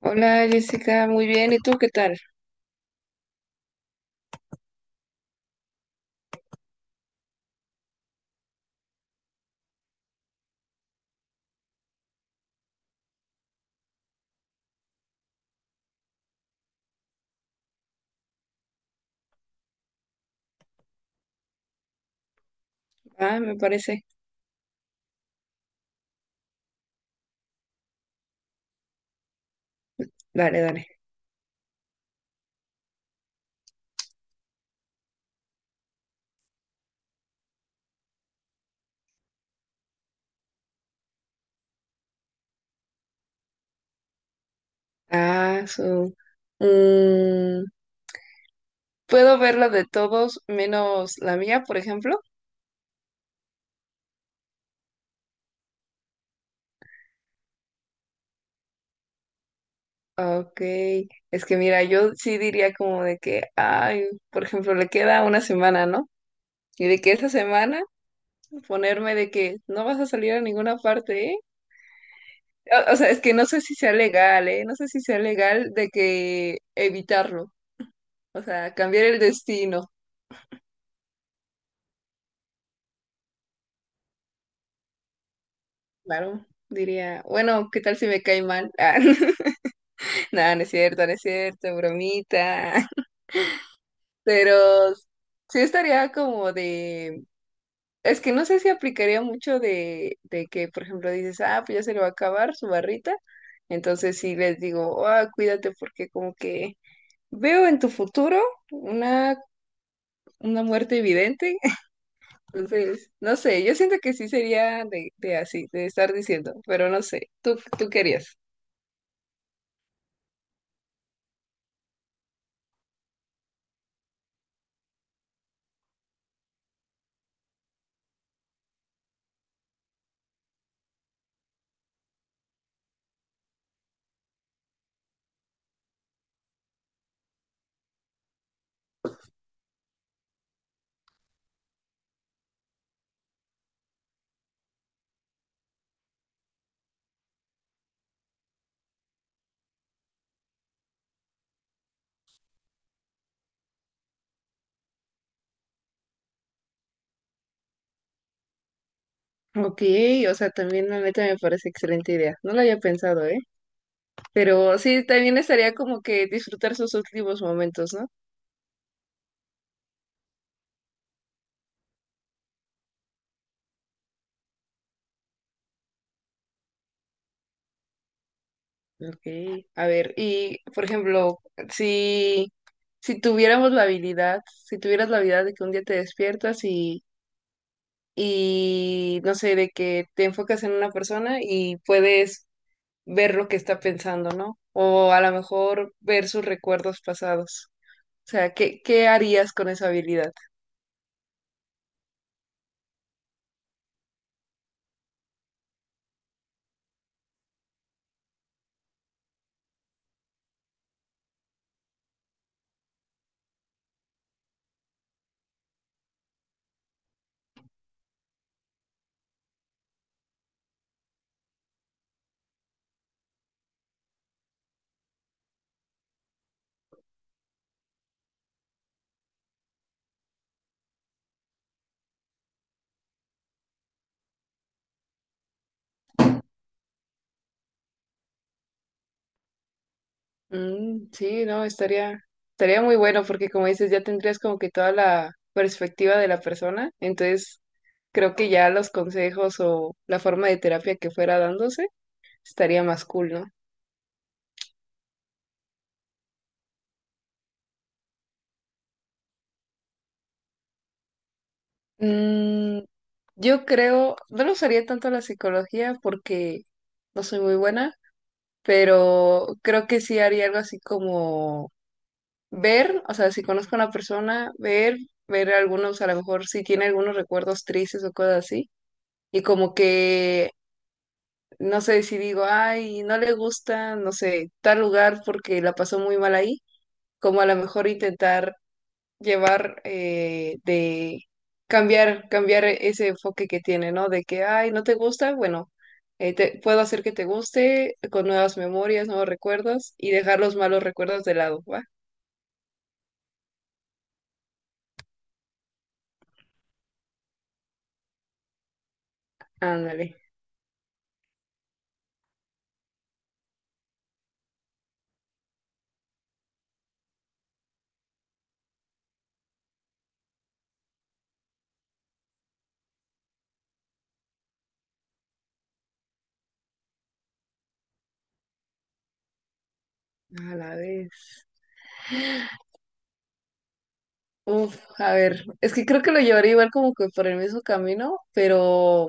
Hola Jessica, muy bien. ¿Y tú qué tal? Ah, me parece. Dale, dale. Ah, su. Mm, ¿Puedo ver la de todos menos la mía, por ejemplo? Ok. Es que mira, yo sí diría como de que, ay, por ejemplo, le queda una semana, ¿no? Y de que esa semana ponerme de que no vas a salir a ninguna parte, ¿eh? O sea, es que no sé si sea legal, ¿eh? No sé si sea legal de que evitarlo. O sea, cambiar el destino. Claro, diría, bueno, ¿qué tal si me cae mal? Ah, nada, no es cierto, no es cierto, bromita. Pero sí estaría como de, es que no sé si aplicaría mucho de que, por ejemplo, dices, ah, pues ya se le va a acabar su barrita. Entonces sí les digo, ah, cuídate porque como que veo en tu futuro una, una muerte evidente. Entonces, no sé, yo siento que sí sería de así, de estar diciendo, pero no sé, ¿tú querías? Ok, o sea, también la neta me parece excelente idea. No lo había pensado, ¿eh? Pero sí, también estaría como que disfrutar sus últimos momentos, ¿no? Ok, a ver, y por ejemplo, si, si tuviéramos la habilidad, si tuvieras la habilidad de que un día te despiertas y no sé, de que te enfocas en una persona y puedes ver lo que está pensando, ¿no? O a lo mejor ver sus recuerdos pasados. O sea, ¿qué harías con esa habilidad? Sí, no, estaría, estaría muy bueno porque como dices, ya tendrías como que toda la perspectiva de la persona, entonces creo que ya los consejos o la forma de terapia que fuera dándose estaría más cool, ¿no? Mm, yo creo, no lo usaría tanto la psicología porque no soy muy buena, pero creo que sí haría algo así como ver, o sea, si conozco a una persona, ver, ver algunos, a lo mejor si tiene algunos recuerdos tristes o cosas así, y como que no sé si digo, ay, no le gusta, no sé, tal lugar porque la pasó muy mal ahí, como a lo mejor intentar llevar de cambiar, cambiar ese enfoque que tiene, ¿no? De que, ay, no te gusta, bueno, te, puedo hacer que te guste con nuevas memorias, nuevos recuerdos y dejar los malos recuerdos de lado, ¿va? Ándale, a la vez. Uf, a ver, es que creo que lo llevaría igual como que por el mismo camino, pero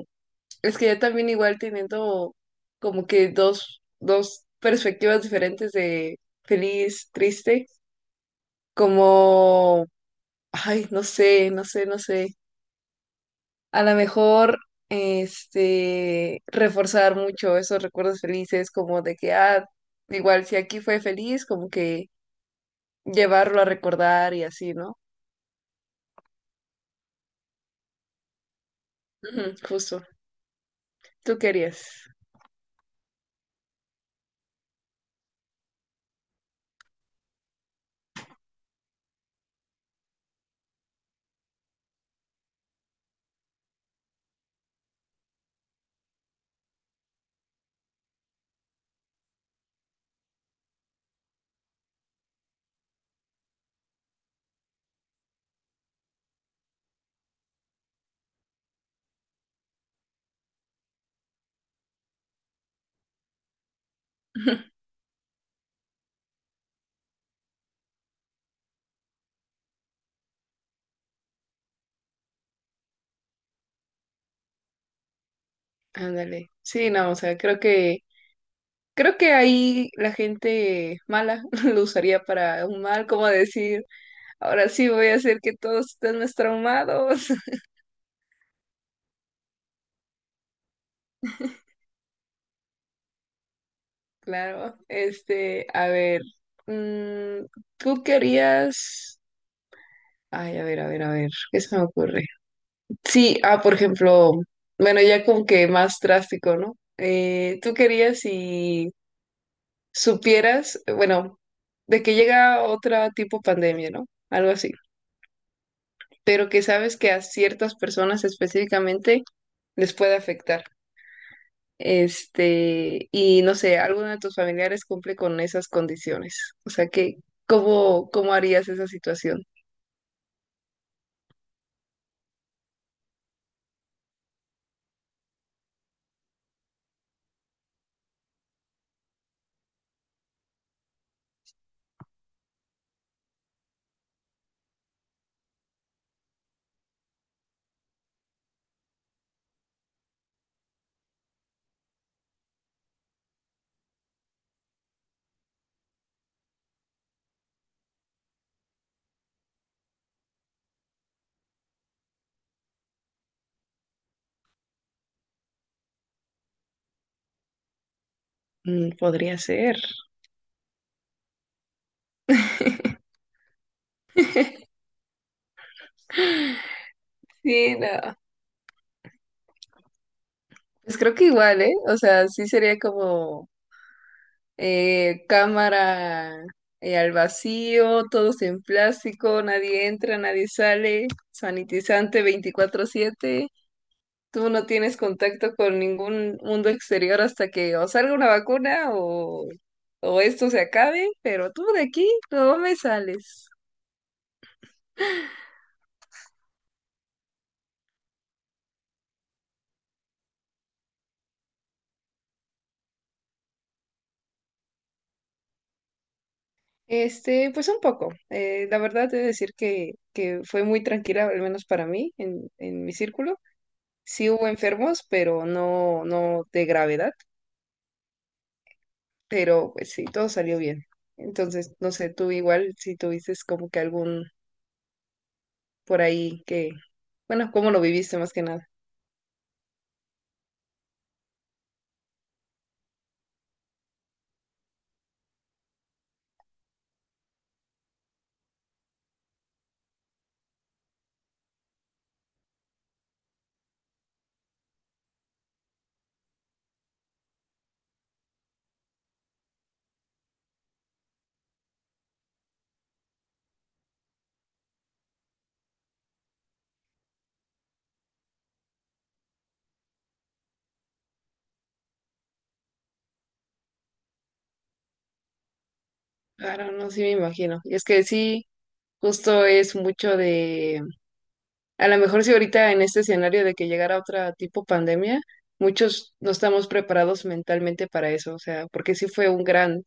es que yo también igual teniendo como que dos perspectivas diferentes de feliz, triste, como, ay, no sé, no sé, no sé. A lo mejor, este, reforzar mucho esos recuerdos felices, como de que, ah, igual si aquí fue feliz, como que llevarlo a recordar y así, ¿no? Ujú, justo. Tú querías. Ándale. Sí, no, o sea, creo que creo que ahí la gente mala lo usaría para un mal, como decir, ahora sí voy a hacer que todos estén más traumados. Claro, este, a ver, mm, tú querías, ay, a ver, a ver, a ver, ¿qué se me ocurre? Sí, ah, por ejemplo, bueno, ya como que más drástico, ¿no? Tú querías si supieras, bueno, de que llega otra tipo pandemia, ¿no? Algo así, pero que sabes que a ciertas personas específicamente les puede afectar. Este, y no sé, alguno de tus familiares cumple con esas condiciones. O sea que, ¿cómo harías esa situación? Podría ser. Sí, no. Pues creo que igual, ¿eh? O sea, sí sería como cámara al vacío, todos en plástico, nadie entra, nadie sale, sanitizante 24/7. Tú no tienes contacto con ningún mundo exterior hasta que o salga una vacuna o esto se acabe, pero tú de aquí no me sales. Este, pues un poco. La verdad, debo decir que fue muy tranquila, al menos para mí, en mi círculo. Sí hubo enfermos, pero no, no de gravedad, pero pues sí, todo salió bien. Entonces, no sé, tú igual, si tuviste como que algún por ahí que, bueno, ¿cómo lo viviste más que nada? Claro, no, sí me imagino. Y es que sí, justo es mucho de, a lo mejor si ahorita en este escenario de que llegara otra tipo pandemia, muchos no estamos preparados mentalmente para eso, o sea, porque sí fue un gran,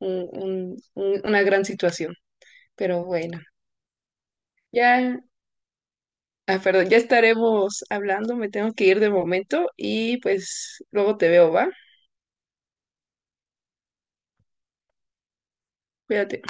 un- una gran situación. Pero bueno, ya, ah, perdón, ya estaremos hablando, me tengo que ir de momento y pues luego te veo, ¿va? Cuídate.